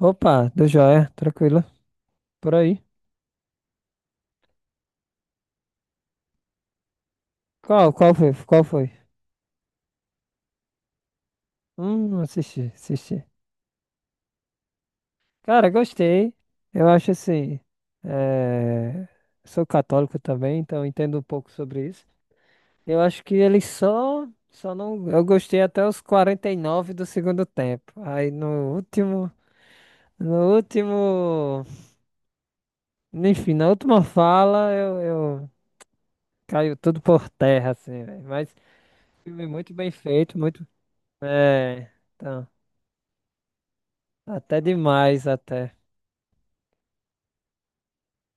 Opa, do joia, tranquilo. Por aí. Qual foi? Qual foi? Assisti, assisti. Cara, gostei. Eu acho assim. eh, Sou católico também, então entendo um pouco sobre isso. Eu acho que ele só não. Eu gostei até os 49 do segundo tempo. Aí no último, enfim, na última fala eu caiu tudo por terra, assim, velho. Mas filme muito bem feito, muito. É, então. Até demais, até.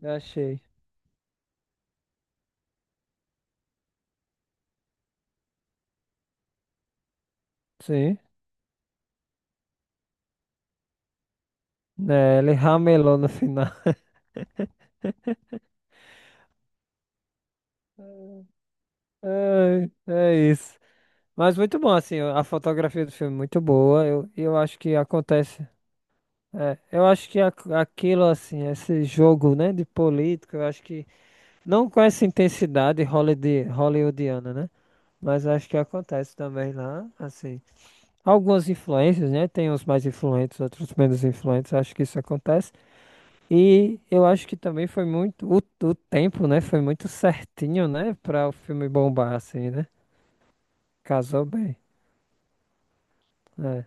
Eu achei. Sim. Né, ele ramelou no final. É, é isso. Mas muito bom, assim, a fotografia do filme é muito boa. Eu acho que acontece. Eu acho que aquilo, assim, esse jogo, né, de política, eu acho que não com essa intensidade hollywoodiana, né? Mas eu acho que acontece também lá, assim. Algumas influências, né? Tem uns mais influentes, outros menos influentes. Eu acho que isso acontece. E eu acho que também foi muito. O tempo, né? Foi muito certinho, né? Pra o filme bombar, assim, né? Casou bem. É.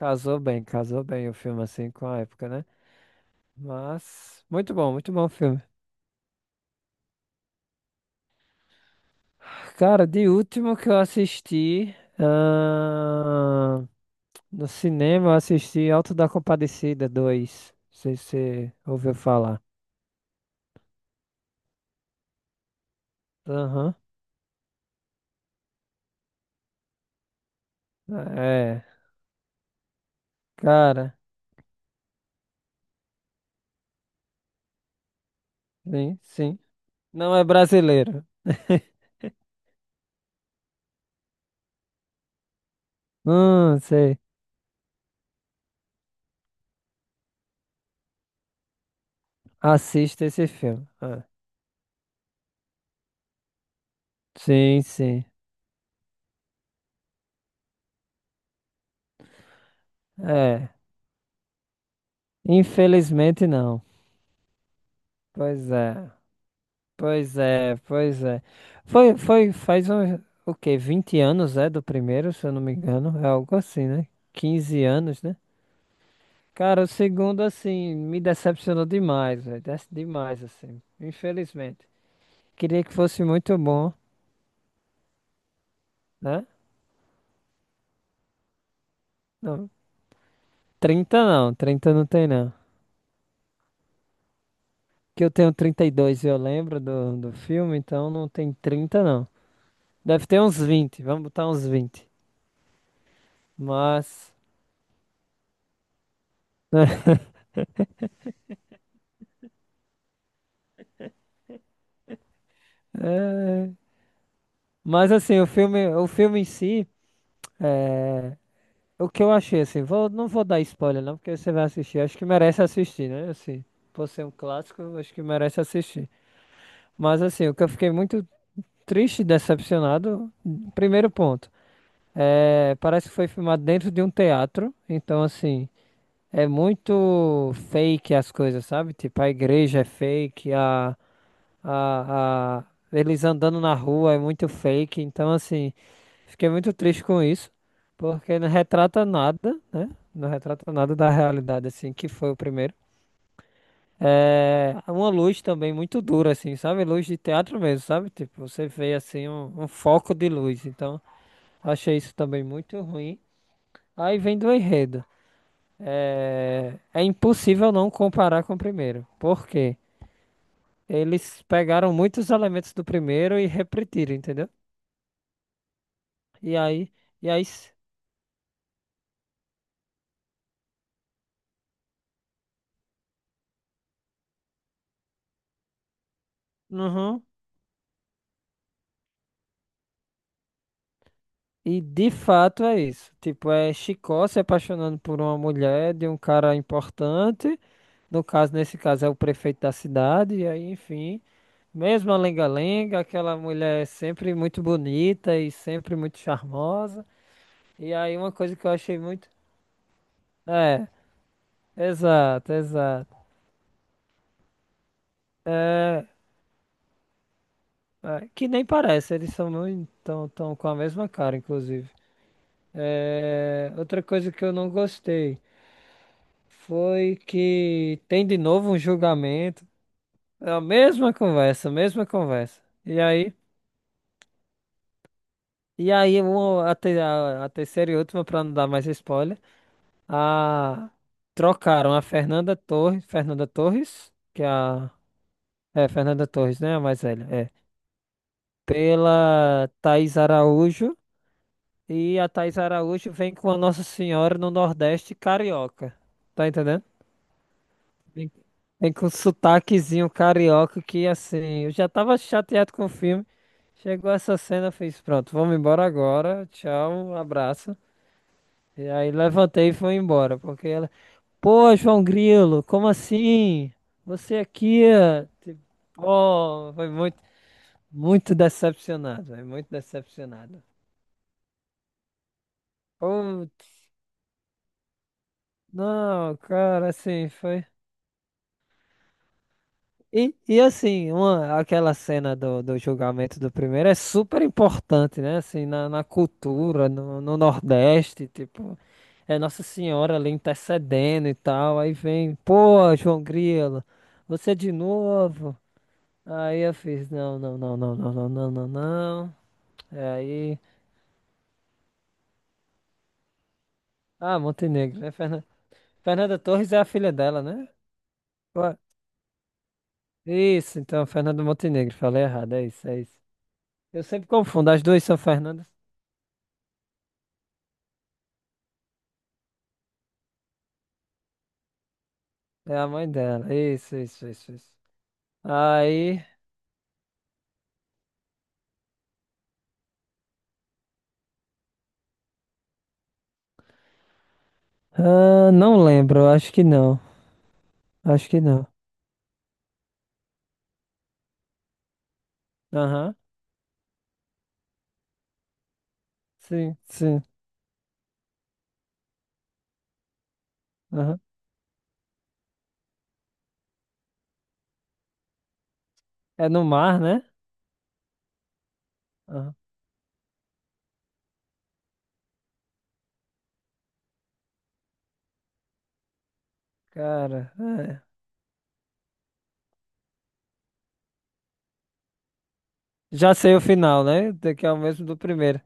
Casou bem o filme, assim, com a época, né? Mas. Muito bom o filme. Cara, de último que eu assisti. Ah, no cinema, eu assisti Alto da Compadecida dois. Não sei se você ouviu falar. Aham. É. Cara. Sim, sim. Não é brasileiro. Sei. Assista esse filme. Ah. Sim, sim. É. Infelizmente não. Pois é. Pois é, pois é. Foi, faz um, o quê? 20 anos, é, do primeiro, se eu não me engano. É algo assim, né? 15 anos, né? Cara, o segundo, assim, me decepcionou demais, velho. Demais, assim. Infelizmente. Queria que fosse muito bom, né? Não, 30 não, trinta não tem não. Que eu tenho 32 e eu lembro do filme, então não tem 30 não. Deve ter uns 20, vamos botar uns 20. Mas, é, mas assim, o filme em si, é, o que eu achei assim, vou, não vou dar spoiler não, porque você vai assistir, acho que merece assistir, né? Assim, por ser um clássico, eu acho que merece assistir. Mas assim, o que eu fiquei muito triste e decepcionado, primeiro ponto, é, parece que foi filmado dentro de um teatro, então assim, é muito fake as coisas, sabe? Tipo, a igreja é fake, a, a- eles andando na rua é muito fake, então assim, fiquei muito triste com isso, porque não retrata nada, né? Não retrata nada da realidade, assim, que foi o primeiro. É uma luz também muito dura, assim, sabe? Luz de teatro mesmo, sabe? Tipo, você vê assim um foco de luz, então achei isso também muito ruim. Aí vem do enredo. É, é impossível não comparar com o primeiro. Por quê? Eles pegaram muitos elementos do primeiro e repetiram, entendeu? E aí, e aí. Uhum. E de fato é isso. Tipo, é Chicó se apaixonando por uma mulher de um cara importante. No caso, nesse caso, é o prefeito da cidade. E aí, enfim, mesmo a lenga-lenga, aquela mulher é sempre muito bonita e sempre muito charmosa. E aí, uma coisa que eu achei muito. É, exato, exato. É, que nem parece, eles são muito. Tão com a mesma cara, inclusive. É, outra coisa que eu não gostei. Foi que tem de novo um julgamento. É a mesma conversa, a mesma conversa. E aí, a terceira e última, pra não dar mais spoiler, a, trocaram a Fernanda Torres, que é Fernanda Torres, né? A mais velha, é. Pela Thaís Araújo. E a Thaís Araújo vem com a Nossa Senhora no Nordeste carioca. Tá entendendo? Vem vem com sotaquezinho carioca que assim, eu já tava chateado com o filme. Chegou essa cena, eu fiz, pronto, vamos embora agora. Tchau, um abraço. E aí levantei e fui embora, porque ela, pô, João Grilo, como assim? Você aqui, ó? Tipo, pô, foi muito, muito decepcionado, é muito decepcionado. Putz, não, cara, assim, foi. E assim, uma, aquela cena do, do julgamento do primeiro é super importante, né? Assim, na, na cultura, no, no Nordeste, tipo, é Nossa Senhora ali intercedendo e tal. Aí vem, pô, João Grilo, você de novo? Aí eu fiz, não, não, não, não, não, não, não, não, não. É aí, ah, Montenegro, né? Fernanda Torres é a filha dela, né? Ué, isso, então, Fernanda Montenegro, falei errado, é isso, é isso. Eu sempre confundo, as duas são Fernandas. É a mãe dela. Isso, isso, isso, isso. Aí. Ah, não lembro, acho que não. Acho que não. Aham. Sim, sim. Aham. É no mar, né? Aham. Cara, é. Já sei o final, né? Que é o mesmo do primeiro.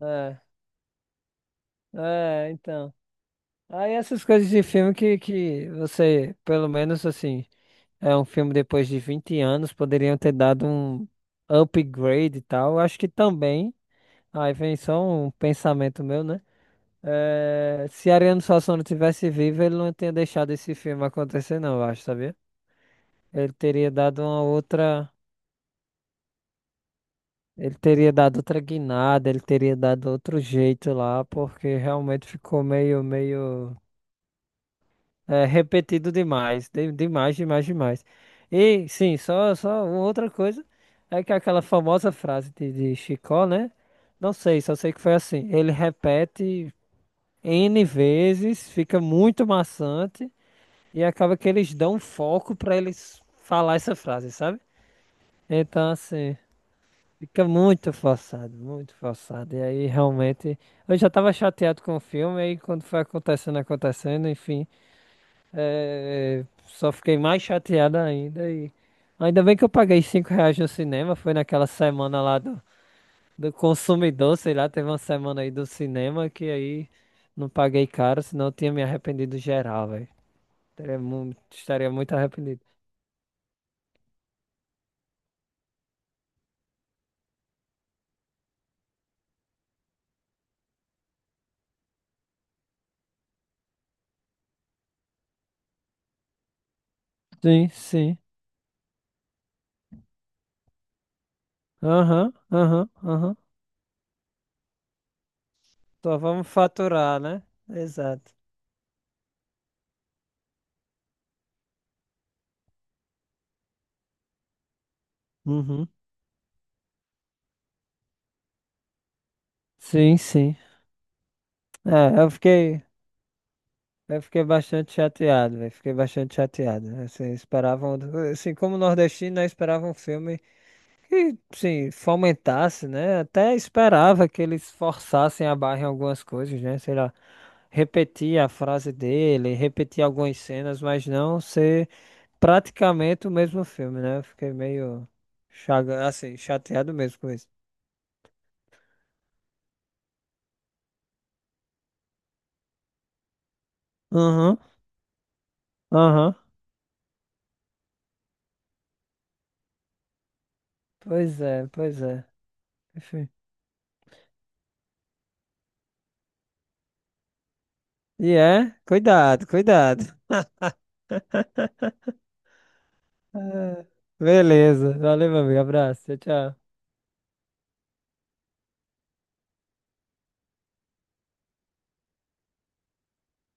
É, é, então. Aí essas coisas de filme que você, pelo menos assim, é um filme depois de 20 anos, poderiam ter dado um upgrade e tal. Eu acho que também. Aí vem só um pensamento meu, né? É, se Ariano Suassuna tivesse vivo, ele não tinha deixado esse filme acontecer, não, eu acho, sabia? Ele teria dado uma outra. Ele teria dado outra guinada, ele teria dado outro jeito lá, porque realmente ficou meio, meio. É, repetido demais. Demais, demais, demais. E, sim, só, só uma outra coisa. É que aquela famosa frase de Chicó, né? Não sei, só sei que foi assim. Ele repete N vezes, fica muito maçante. E acaba que eles dão um foco pra eles falar essa frase, sabe? Então, assim, fica muito forçado, muito forçado. E aí, realmente, eu já tava chateado com o filme, aí quando foi acontecendo, acontecendo, enfim, só fiquei mais chateado ainda. E ainda bem que eu paguei 5 reais no cinema, foi naquela semana lá do consumidor, sei lá, teve uma semana aí do cinema que aí não paguei caro, senão eu tinha me arrependido geral, velho. Estaria estaria muito arrependido. Sim, sim. Aham, aham, aham. Só vamos faturar, né? Exato. Uhum. Sim, sim. É, eu fiquei bastante chateado, velho. Fiquei bastante chateado. Assim, esperavam, assim, como nordestino, né, esperava um filme que, sim, fomentasse, né? Até esperava que eles forçassem a barra em algumas coisas, né? Sei lá, repetir a frase dele, repetir algumas cenas, mas não ser praticamente o mesmo filme, né? Eu fiquei meio chaga, assim, chateado mesmo com isso. Aham, aham. Pois é, pois é. Enfim. E é, cuidado, cuidado. Ah, beleza, valeu, meu amigo. Abraço, tchau, tchau.